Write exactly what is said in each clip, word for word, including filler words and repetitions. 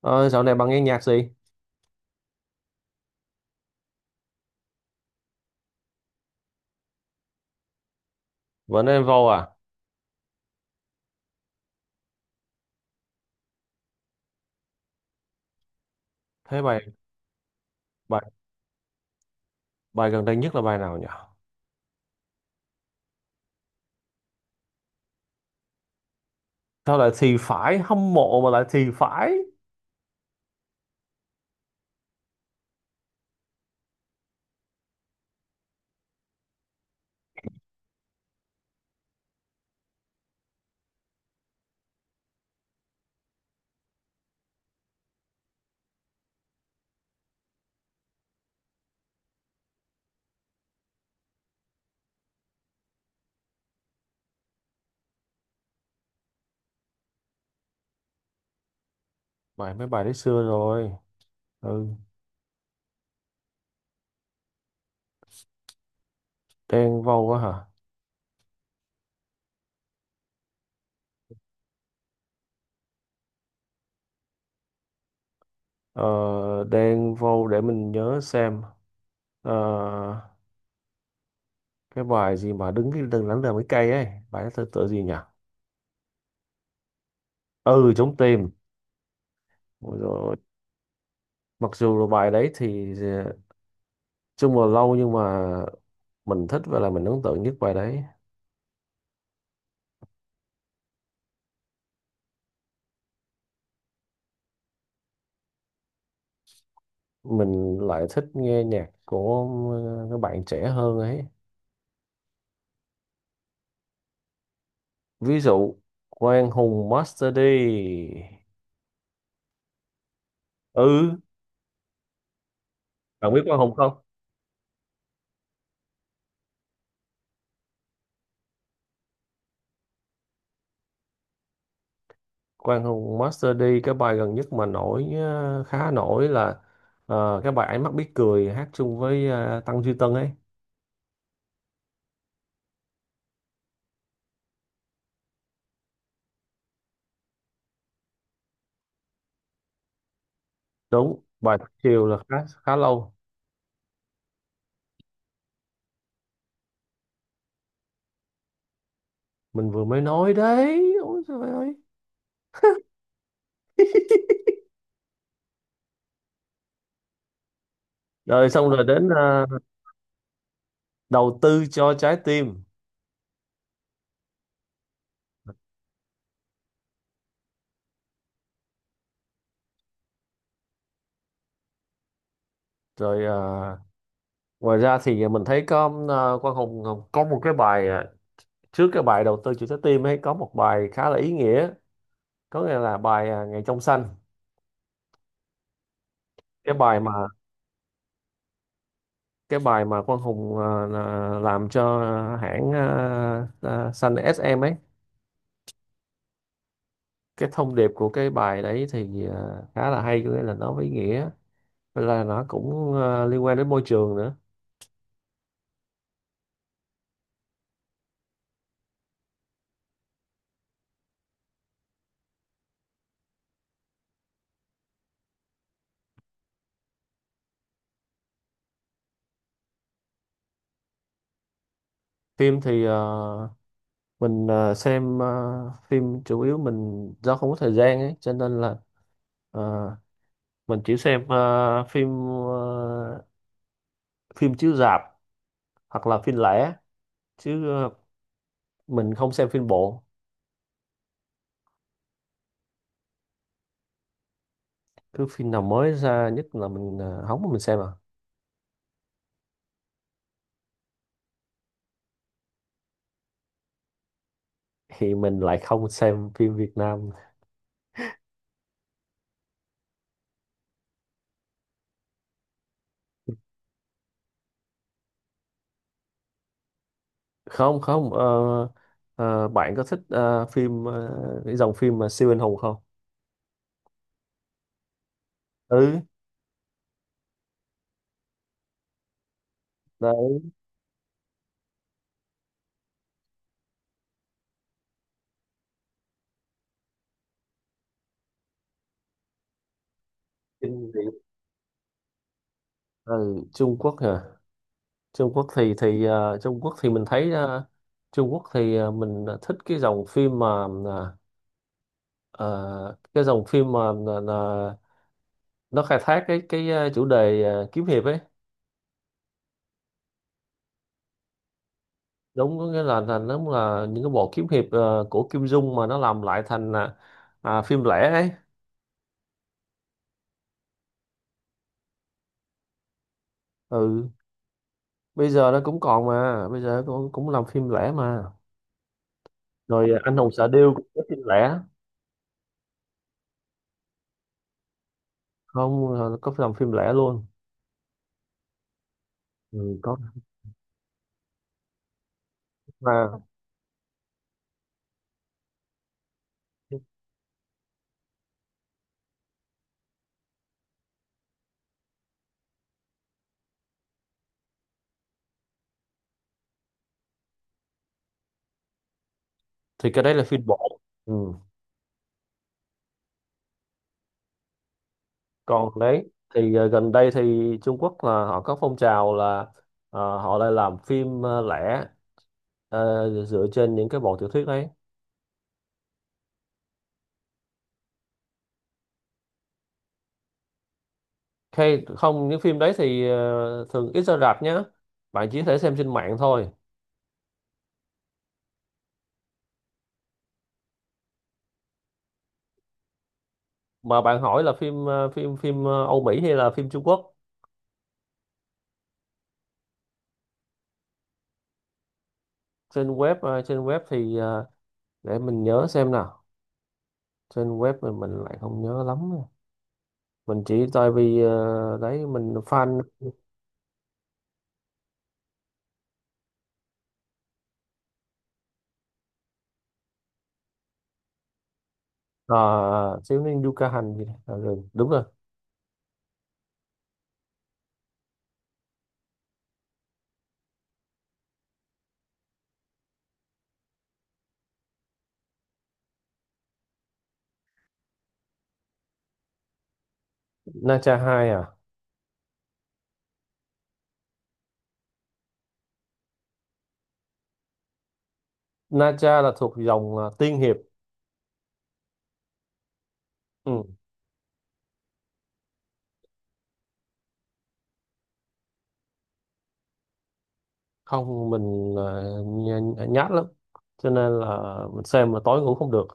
Ờ, Dạo này bạn nghe nhạc gì? Vẫn em vô à? Thế bài Ừ. bài Bài gần đây nhất là bài nào nhỉ? Sao lại thì phải hâm mộ mà lại thì phải? Bài mấy bài đấy xưa rồi. Ừ, đen vô quá hả? Ờ, Đen vô để mình nhớ xem. Ờ, cái bài gì mà đứng cái đừng lắng đờ mấy cây ấy. Bài đó tựa tựa gì nhỉ? Ừ, chống tìm. Ôi dồi ôi. Mặc dù là bài đấy thì ờ, chung là lâu nhưng mà mình thích và là mình ấn tượng nhất bài đấy. Mình lại thích nghe nhạc của ờ, các bạn trẻ hơn ấy. Ví dụ Quang Hùng Master D. Ừ, bạn biết Quang Hùng không? Quang Hùng Master D cái bài gần nhất mà nổi ờ, khá nổi là ờ, cái bài Ánh mắt biết cười hát chung với ờ, Tăng Duy Tân ấy. Đúng, bài Thất chiều là khá khá lâu. Mình vừa mới nói đấy, ôi trời ơi. Rồi xong rồi đến ờ, đầu tư cho trái tim, rồi ờ, ngoài ra thì ờ, mình thấy có ờ, Quang Hùng có một cái bài, ờ, trước cái bài đầu tư chủ trái tim ấy có một bài khá là ý nghĩa, có nghĩa là bài ờ, Ngày trong xanh, cái bài mà cái bài mà Quang Hùng ờ, là- làm cho hãng ờ, ờ, xanh ét em ấy. Cái thông điệp của cái bài đấy thì ờ, khá là hay, có nghĩa là nó có ý nghĩa. Với là nó cũng ờ, liên quan đến môi trường nữa. Phim thì ờ, mình ờ, xem ờ, phim chủ yếu mình do không có thời gian ấy cho nên là ờ, mình chỉ xem ờ, phim ờ, phim chiếu rạp hoặc là phim lẻ, chứ ờ, mình không xem phim bộ. Cứ phim nào mới ra nhất là mình ờ, hóng mà mình xem à. Thì mình lại không xem phim Việt Nam. Không không, ờ, ờ, bạn có thích ờ, phim, ờ, cái dòng phim mà siêu anh hùng không? Ừ, đấy, kinh dị. Ừ, Trung Quốc hả? Trung Quốc thì thì ờ, Trung Quốc thì mình thấy, ờ, Trung Quốc thì ờ, mình ờ, thích cái dòng phim mà, à, Ờ, cái dòng phim mà, là, là nó khai thác cái cái ờ, chủ đề ờ, kiếm hiệp ấy. Đúng, có nghĩa là là nó là những cái bộ kiếm hiệp ờ, của Kim Dung mà nó làm lại thành, à, à, phim lẻ ấy. Ừ, bây giờ nó cũng còn mà bây giờ cũng cũng làm phim lẻ mà. Rồi ờ, anh hùng xạ điêu cũng có phim lẻ. Không, ờ, có làm phim lẻ luôn. Ừ, có. Mà thì cái đấy là phim bộ. Ừ. Còn đấy thì ờ, gần đây thì Trung Quốc là họ có phong trào là, ờ, họ lại làm phim ờ, lẻ, ờ, dựa trên những cái bộ tiểu thuyết đấy. Hay không, những phim đấy thì ờ, thường ít ra rạp nhá, bạn chỉ có thể xem trên mạng thôi. Mà bạn hỏi là phim ờ, phim phim ờ, Âu Mỹ hay là phim Trung Quốc? Trên web ờ, trên web thì ờ, để mình nhớ xem nào. Trên web mình mình lại không nhớ lắm nè. Mình chỉ tại vì ờ, đấy mình fan. ờ, Thiếu niên Yuka Hành gì đó. Ờ, rồi, đúng rồi. Na Cha hai à? Na Cha là thuộc dòng ờ, tiên hiệp. Ừ. Không, mình ờ, nhát lắm cho nên là mình xem mà tối ngủ không được.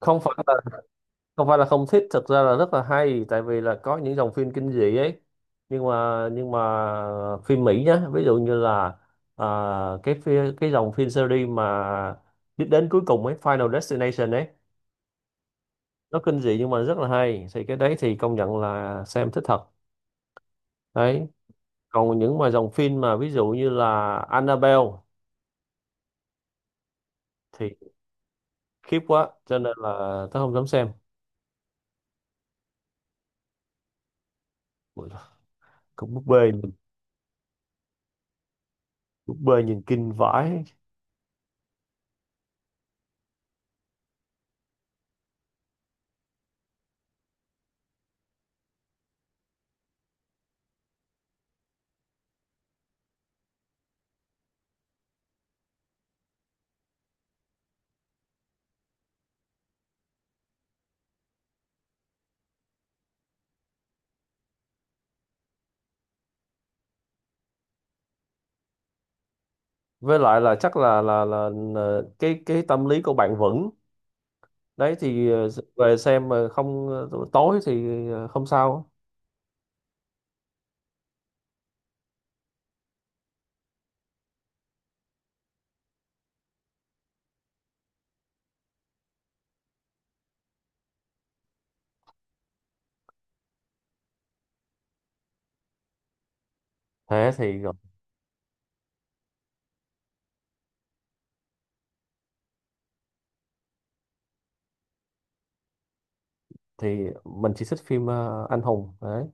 Không phải là không phải là không thích, thực ra là rất là hay, tại vì là có những dòng phim kinh dị ấy, nhưng mà nhưng mà phim Mỹ nhá, ví dụ như là, à, cái phi- cái dòng phim series mà đích đến cuối cùng ấy, Final Destination ấy, nó kinh dị nhưng mà rất là hay, thì cái đấy thì công nhận là xem thích thật. Đấy. Còn những mà dòng phim mà ví dụ như là Annabelle thì khiếp quá cho nên là tớ không dám xem. Ui, cũng búp bê nhìn- búp bê nhìn kinh vãi. Với lại là chắc là là là, là cái cái tâm lý của bạn vững. Đấy thì ờ, về xem mà không ờ, tối thì ờ, không sao. Thế thì ờ, thì mình chỉ thích phim ờ, anh hùng đấy,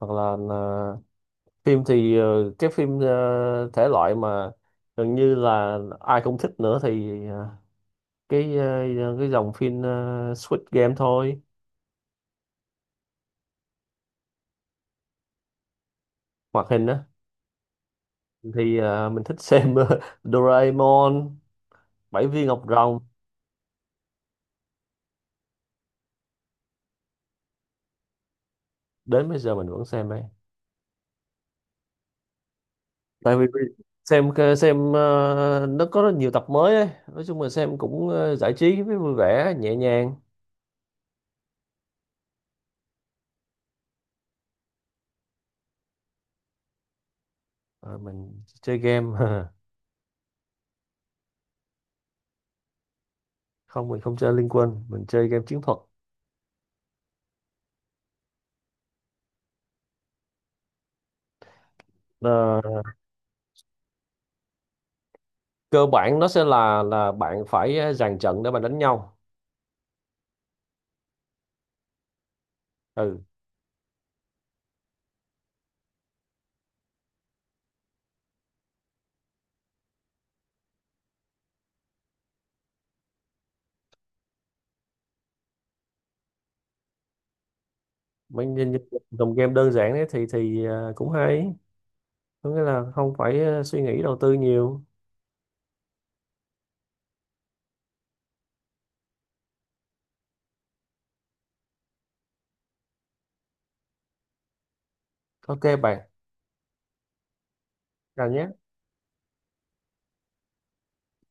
hoặc là ờ, phim thì ờ, cái phim ờ, thể loại mà gần như là ai cũng thích nữa thì ờ, cái ờ, cái dòng phim ờ, Squid Game thôi. Hoạt hình á? Thì à, mình thích xem ờ, Doraemon, Bảy viên ngọc rồng. Đến bây giờ mình vẫn xem ấy. Tại vì xem xem ờ, nó có rất nhiều tập mới ấy, nói chung là xem cũng ờ, giải trí với vui vẻ nhẹ nhàng. Ờ, mình chơi game không, mình không chơi Liên Quân, mình chơi game chiến thuật. Ờ, Cơ bản nó sẽ là là bạn phải ờ, dàn trận để mà đánh nhau. Ừ. Mình nhìn những dòng game đơn giản ấy thì thì ờ, cũng hay, có nghĩa là không phải ờ, suy nghĩ đầu tư nhiều. Ok bạn, chào nhé.